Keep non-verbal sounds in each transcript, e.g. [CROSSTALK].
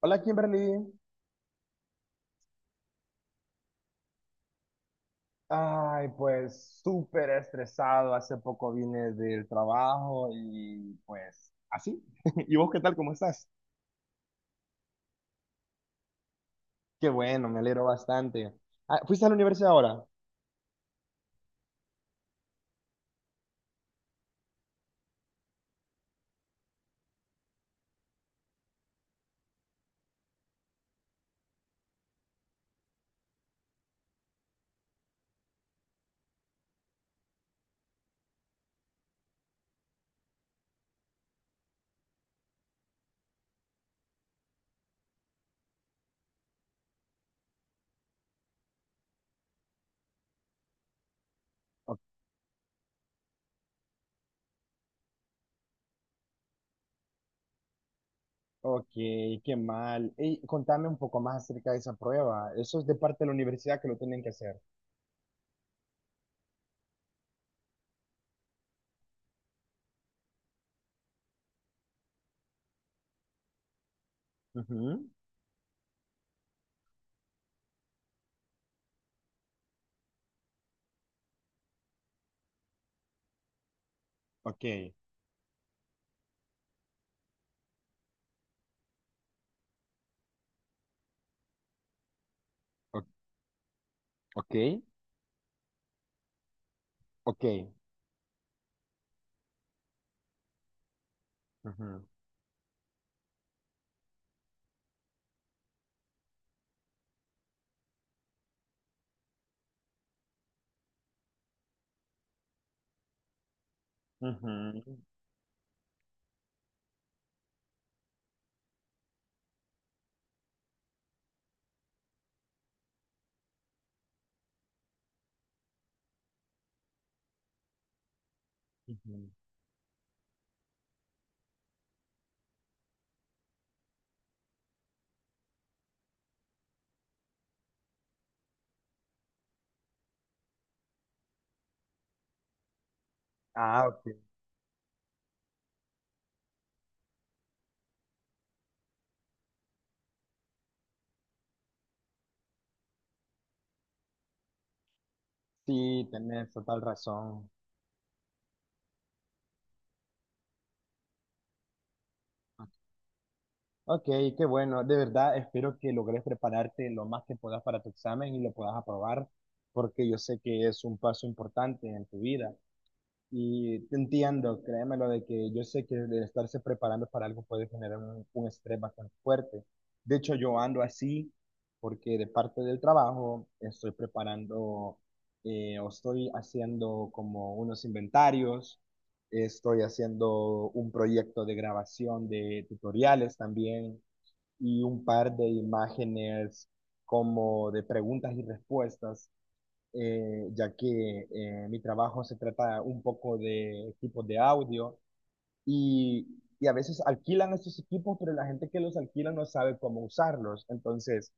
Hola, Kimberly. Ay, pues súper estresado. Hace poco vine del trabajo y pues así. [LAUGHS] ¿Y vos qué tal? ¿Cómo estás? Qué bueno, me alegro bastante. Ah, ¿fuiste a la universidad ahora? O- Ok, qué mal. Ey, contame un poco más acerca de esa prueba. ¿Eso es de parte de la universidad que lo tienen que hacer? Ujú. Ok, o- ok, ok. Ujú, ujú, ujú. Ah, ok. Sí, tenés total razón. Ok, qué bueno. De verdad, espero que logres prepararte lo más que puedas para tu examen y lo puedas aprobar, porque yo sé que es un paso importante en tu vida. Y te entiendo, créemelo, de que yo sé que el estarse preparando para algo puede generar un estrés bastante fuerte. De hecho, yo ando así porque de parte del trabajo estoy preparando o estoy haciendo como unos inventarios, estoy haciendo un proyecto de grabación de tutoriales también y un par de imágenes como de preguntas y respuestas, ya que mi trabajo se trata un poco de equipos de audio y, y a veces alquilan estos equipos, pero la gente que los alquila no sabe cómo usarlos. Entonces,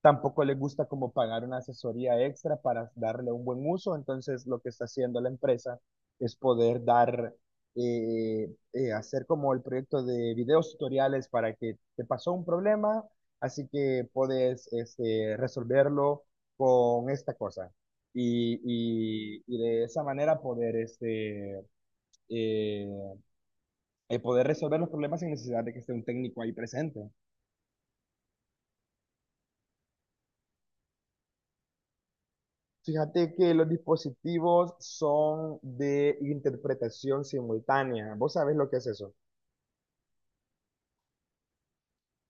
tampoco le gusta como pagar una asesoría extra para darle un buen uso, entonces lo que está haciendo la empresa es poder dar, hacer como el proyecto de videos tutoriales para que te pasó un problema, así que puedes este, resolverlo con esta cosa. Y, y de esa manera poder, este, eh, poder resolver los problemas sin necesidad de que esté un técnico ahí presente. Fíjate que los dispositivos son de interpretación simultánea. ¿Vos sabés lo que es eso?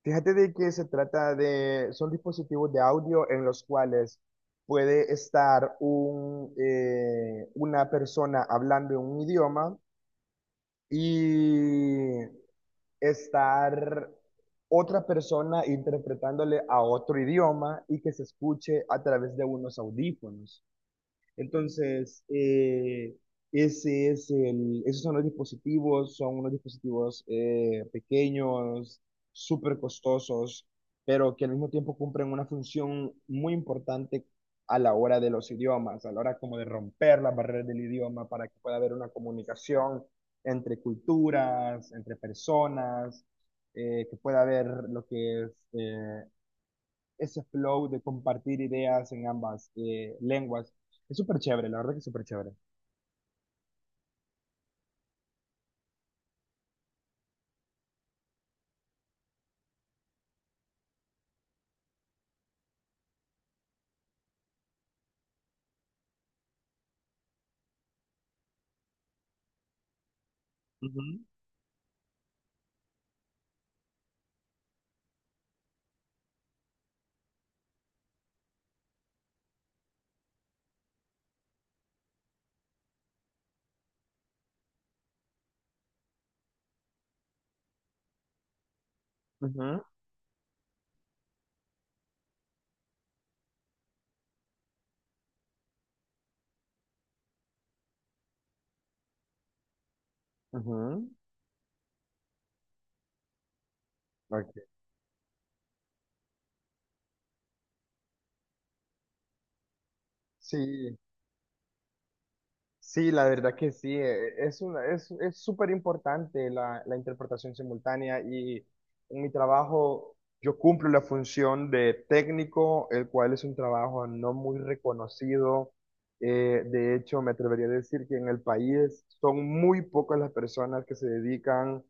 Fíjate de que se trata de, son dispositivos de audio en los cuales puede estar un, una persona hablando en un idioma y estar otra persona interpretándole a otro idioma y que se escuche a través de unos audífonos. Entonces, ese es el, esos son los dispositivos, son unos dispositivos pequeños, súper costosos, pero que al mismo tiempo cumplen una función muy importante a la hora de los idiomas, a la hora como de romper las barreras del idioma para que pueda haber una comunicación entre culturas, entre personas, que pueda haber lo que es... ese flow de compartir ideas en ambas lenguas. Es súper chévere, la verdad que es súper chévere. Ujú, ujú, ujú. Ok. Sí, sí, la verdad que sí, es una, es súper importante la, la interpretación simultánea y en mi trabajo yo cumplo la función de técnico, el cual es un trabajo no muy reconocido. De hecho, me atrevería a decir que en el país son muy pocas las personas que se dedican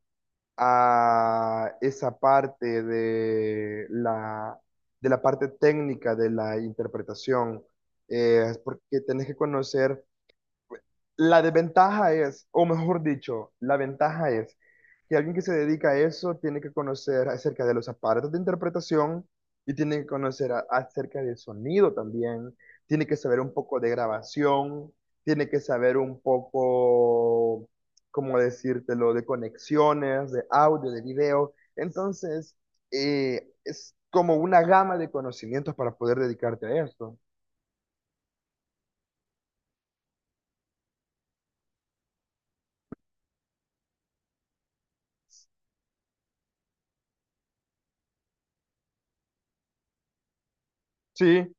a esa parte de la parte técnica de la interpretación, es porque tenés que conocer, la desventaja es, o mejor dicho, la ventaja es que alguien que se dedica a eso tiene que conocer acerca de los aparatos de interpretación y tiene que conocer acerca del sonido también, tiene que saber un poco de grabación, tiene que saber un poco, ¿cómo decírtelo?, de conexiones, de audio, de video. Entonces, es como una gama de conocimientos para poder dedicarte a esto. Sí, es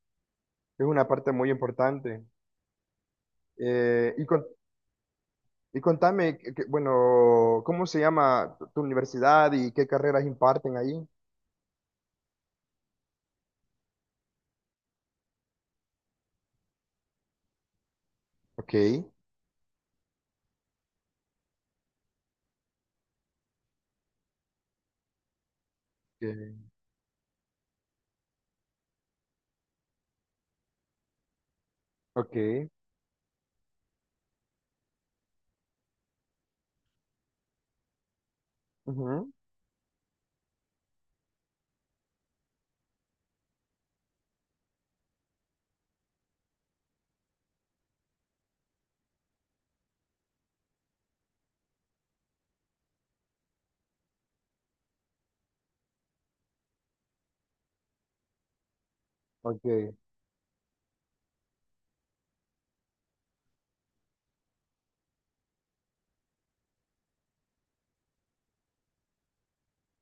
una parte muy importante. Eh, y con- Y contame, bueno, ¿cómo se llama tu tu universidad y qué carreras imparten ahí? Ok, ok, ujú, ok,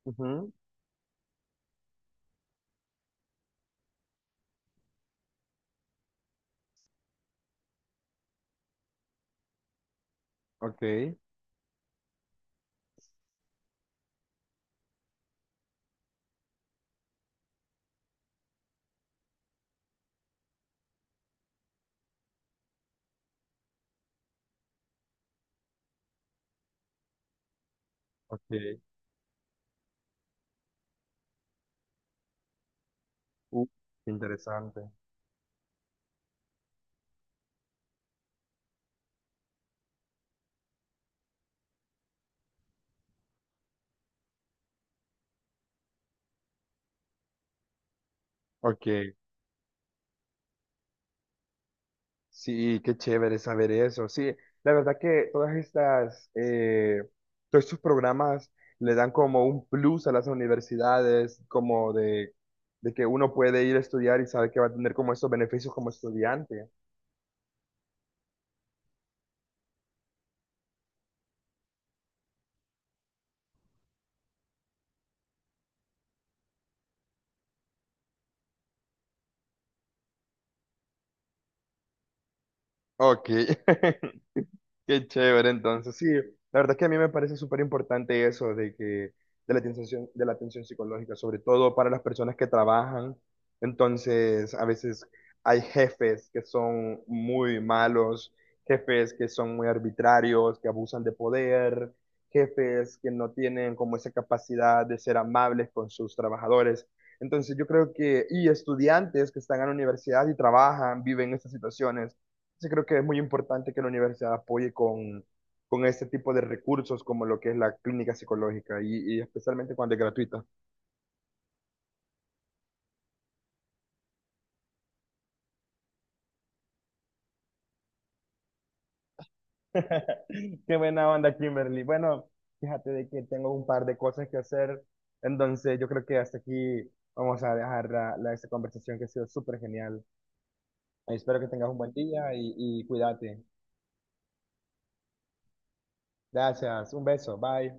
ujú, ok, ok. Uh, qué interesante. Ok, sí, qué chévere saber eso. Sí, la verdad que todas estas, todos estos programas le dan como un plus a las universidades, como de que uno puede ir a estudiar y sabe que va a tener como esos beneficios como estudiante. Ok. [LAUGHS] Qué chévere, entonces, sí, la verdad es que a mí me parece súper importante eso de que, de la atención psicológica, sobre todo para las personas que trabajan. Entonces, a veces hay jefes que son muy malos, jefes que son muy arbitrarios, que abusan de poder, jefes que no tienen como esa capacidad de ser amables con sus trabajadores. Entonces, yo creo que, y estudiantes que están en la universidad y trabajan, viven estas situaciones. Sí, creo que es muy importante que la universidad apoye con este tipo de recursos como lo que es la clínica psicológica y especialmente cuando es gratuita. [LAUGHS] Qué buena onda, Kimberly. Bueno, fíjate de que tengo un par de cosas que hacer, entonces yo creo que hasta aquí vamos a dejar la, esta conversación que ha sido súper genial. Espero que tengas un buen día y cuídate. Gracias, un beso, bye.